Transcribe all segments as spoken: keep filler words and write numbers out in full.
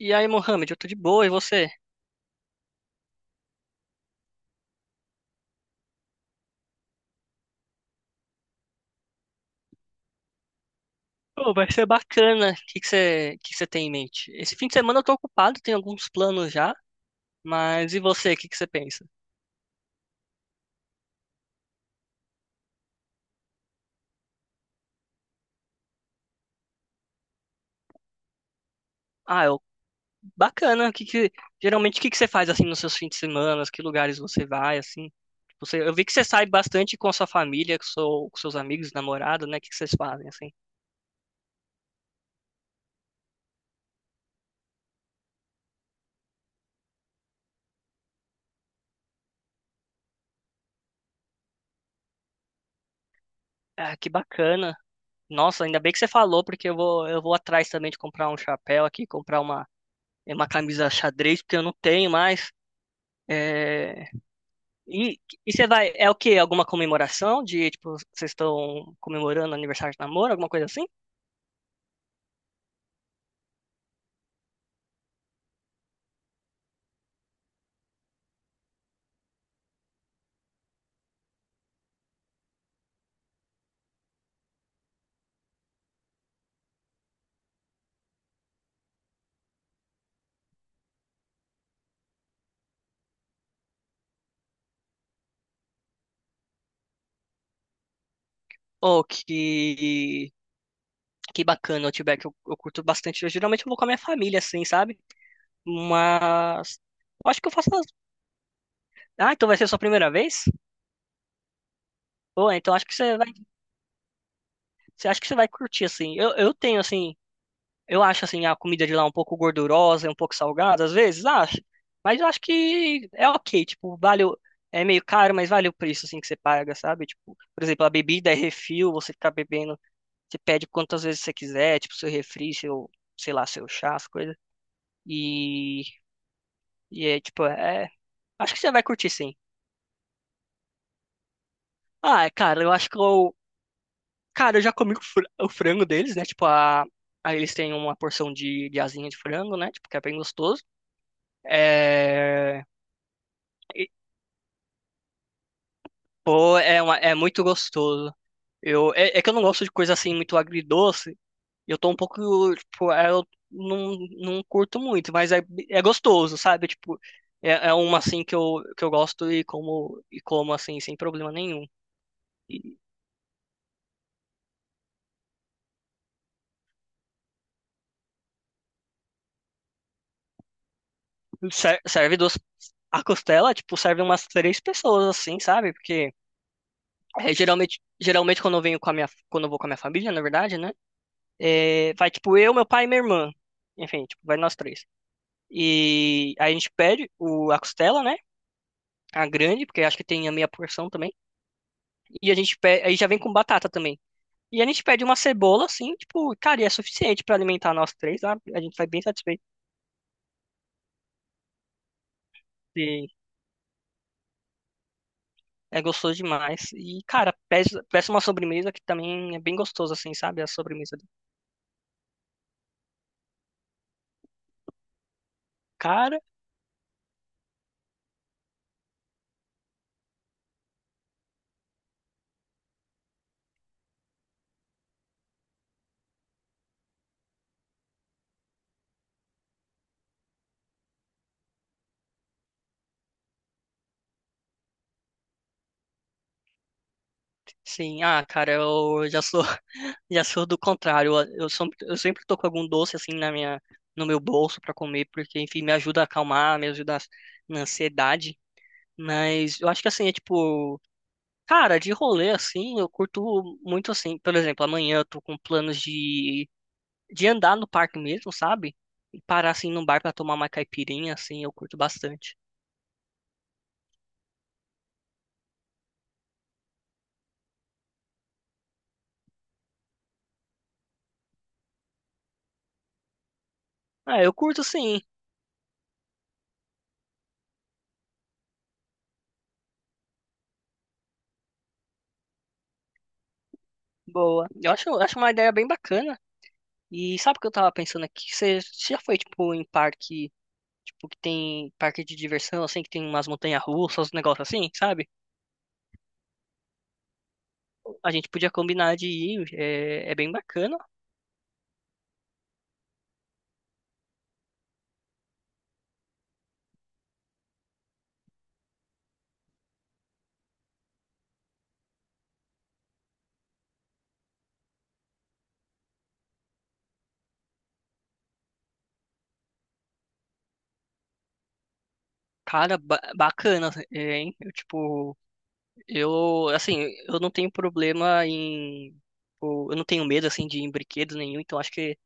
E aí, Mohamed, eu tô de boa, e você? Pô, vai ser bacana. O que que você, que que você tem em mente? Esse fim de semana eu tô ocupado, tenho alguns planos já, mas e você, o que que você pensa? Ah, eu, bacana. O que que, geralmente, o que que você faz, assim, nos seus fins de semana? Que lugares você vai, assim? Você, eu vi que você sai bastante com a sua família, com, seu, com seus amigos, namorado, né? O que que vocês fazem, assim? Ah, que bacana. Nossa, ainda bem que você falou, porque eu vou, eu vou atrás também de comprar um chapéu aqui, comprar uma, uma camisa xadrez, porque eu não tenho mais. É, E, e você vai, é o quê? Alguma comemoração de, tipo, vocês estão comemorando aniversário de namoro, alguma coisa assim? Ou que, que bacana, Outback, eu, eu curto bastante. Eu geralmente eu vou com a minha família, assim, sabe? Mas, eu acho que eu faço... Ah, então vai ser a sua primeira vez? Pô, então acho que você vai, você acha que você vai curtir, assim. Eu, eu tenho, assim, eu acho assim a comida de lá um pouco gordurosa, um pouco salgada, às vezes, acho. Mas eu acho que é ok, tipo, vale o... é meio caro, mas vale o preço assim que você paga, sabe? Tipo, por exemplo, a bebida é refil, você fica bebendo, você pede quantas vezes você quiser, tipo, seu refri, seu, sei lá, seu chá, as coisas. E e é tipo, é, acho que você vai curtir sim. Ah, é, cara, eu acho que eu, cara, eu já comi o fr- o frango deles, né? Tipo, a aí eles têm uma porção de, de asinha de frango, né? Tipo, que é bem gostoso. É... Pô, é, uma- é muito gostoso. Eu, é, é que eu não gosto de coisa assim muito agridoce. Eu tô um pouco, tipo, é, eu não, não curto muito, mas é, é gostoso, sabe? Tipo, é, é uma assim que eu, que eu gosto e como, e como assim, sem problema nenhum. E ser- serve duas. A costela, tipo, serve umas três pessoas, assim, sabe? Porque é, geralmente, geralmente quando eu venho com a minha, quando eu vou com a minha família, na verdade, né? É, vai, tipo, eu, meu pai e minha irmã. Enfim, tipo, vai nós três. E aí a gente pede o, a costela, né? A grande, porque acho que tem a meia porção também. E a gente pede, aí já vem com batata também. E a gente pede uma cebola, assim, tipo, cara, e é suficiente pra alimentar nós três, sabe? A gente vai bem satisfeito. E é gostoso demais. E, cara, peça, peça uma sobremesa que também é bem gostoso, assim, sabe? A sobremesa do cara. Sim, ah, cara, eu já sou, já sou do contrário. Eu, eu, som- eu sempre tô com algum doce, assim, na minha, no meu bolso pra comer, porque, enfim, me ajuda a acalmar, me ajuda a na ansiedade. Mas eu acho que assim, é tipo, cara, de rolê assim, eu curto muito assim. Por exemplo, amanhã eu tô com planos de, de andar no parque mesmo, sabe? E parar assim num bar pra tomar uma caipirinha, assim, eu curto bastante. Ah, eu curto sim, boa. Eu acho, eu acho uma ideia bem bacana. E sabe o que eu tava pensando aqui? Você você já foi, tipo, em parque, tipo, que tem parque de diversão, assim, que tem umas montanhas-russas, uns negócios assim, sabe? A gente podia combinar de ir, é, é bem bacana. Cara, ba- bacana, hein? Eu, tipo, eu, assim, eu não tenho problema em. Tipo, eu não tenho medo, assim, de ir em brinquedos nenhum, então acho que,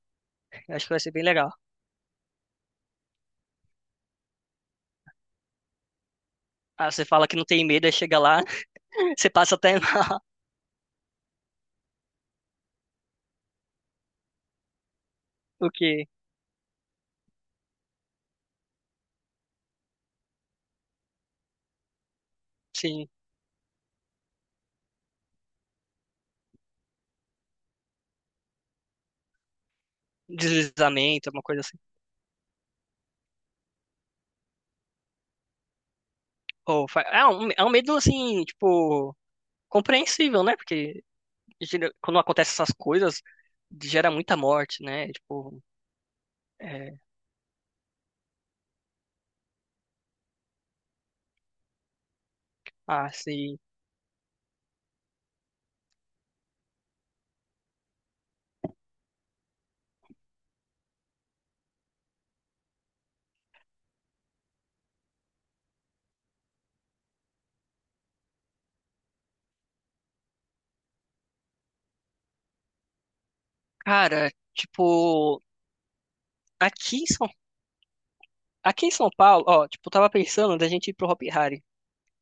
acho que vai ser bem legal. Ah, você fala que não tem medo, aí chega lá, você passa até na, o quê? Sim, deslizamento, alguma coisa assim. Ou, fa- é um, é um medo, assim, tipo, compreensível, né? Porque gera- quando acontecem essas coisas, gera muita morte, né? Tipo, é, ah, assim. Cara, tipo. Aqui em São Aqui em São Paulo, ó, tipo, eu tava pensando da gente ir pro Hopi Hari.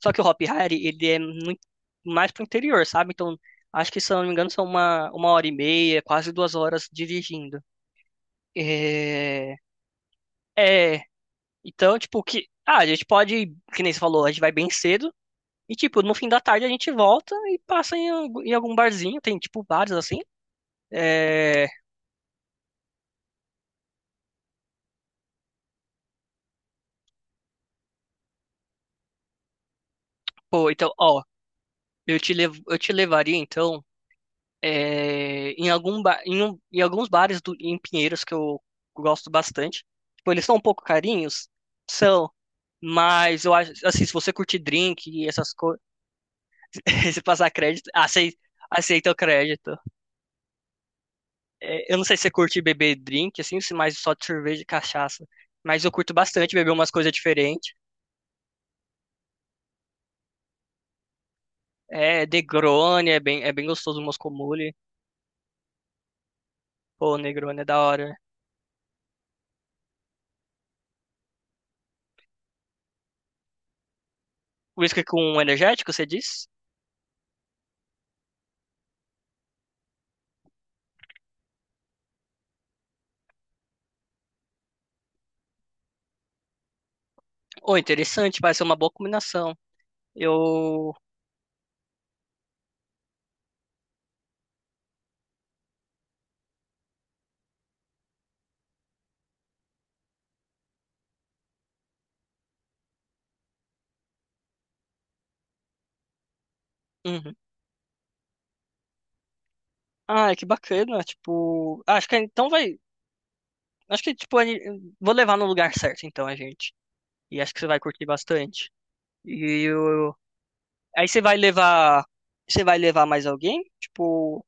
Só que o Hopi Hari, ele é muito mais pro interior, sabe? Então, acho que, se eu não me engano, são uma, uma hora e meia, quase duas horas dirigindo. É... É... Então, tipo, que... Ah, a gente pode, ir, que nem você falou, a gente vai bem cedo. E, tipo, no fim da tarde a gente volta e passa em, algu- em algum barzinho. Tem, tipo, bares assim. É... Pô, então, ó, eu te, levo, eu te levaria, então... é, em algum ba- em, um- em alguns bares do- em Pinheiros que eu gosto bastante. Tipo, eles são um pouco carinhos, são, mas eu acho assim, se você curtir drink e essas coisas, se passar crédito, aceita, aceita o crédito. É, eu não sei se você curte beber drink assim, se mais só de cerveja e cachaça, mas eu curto bastante beber umas coisas diferentes. É, Negroni é bem, é bem gostoso, o Moscow Mule. Pô, Negroni é da hora. Whisky com energético, você diz? Ô, interessante, vai ser uma boa combinação. Eu. Uhum. Ah, que bacana. Tipo, ah, acho que então vai. Acho que, tipo, ani- vou levar no lugar certo, então, a gente. E acho que você vai curtir bastante. E eu... aí você vai levar. Você vai levar mais alguém? Tipo,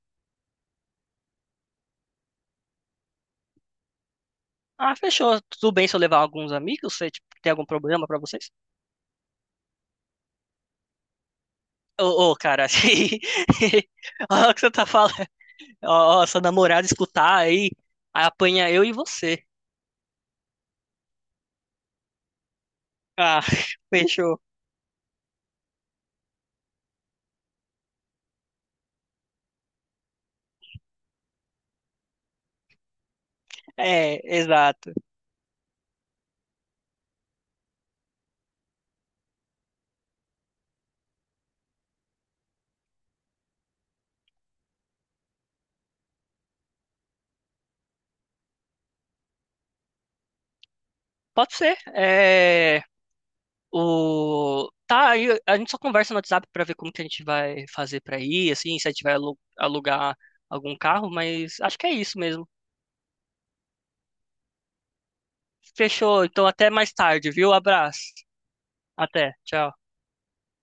ah, fechou. Tudo bem se eu levar alguns amigos? Você, tipo, tem algum problema pra vocês? Ô, ô, cara, assim. Olha o que você tá falando. Ó, ó, sua namorada escutar aí, aí apanha eu e você. Ah, fechou. É, exato. Pode ser. É. O... Tá, aí a gente só conversa no WhatsApp pra ver como que a gente vai fazer pra ir, assim, se a gente vai alu- alugar algum carro, mas acho que é isso mesmo. Fechou, então até mais tarde, viu? Abraço. Até, tchau.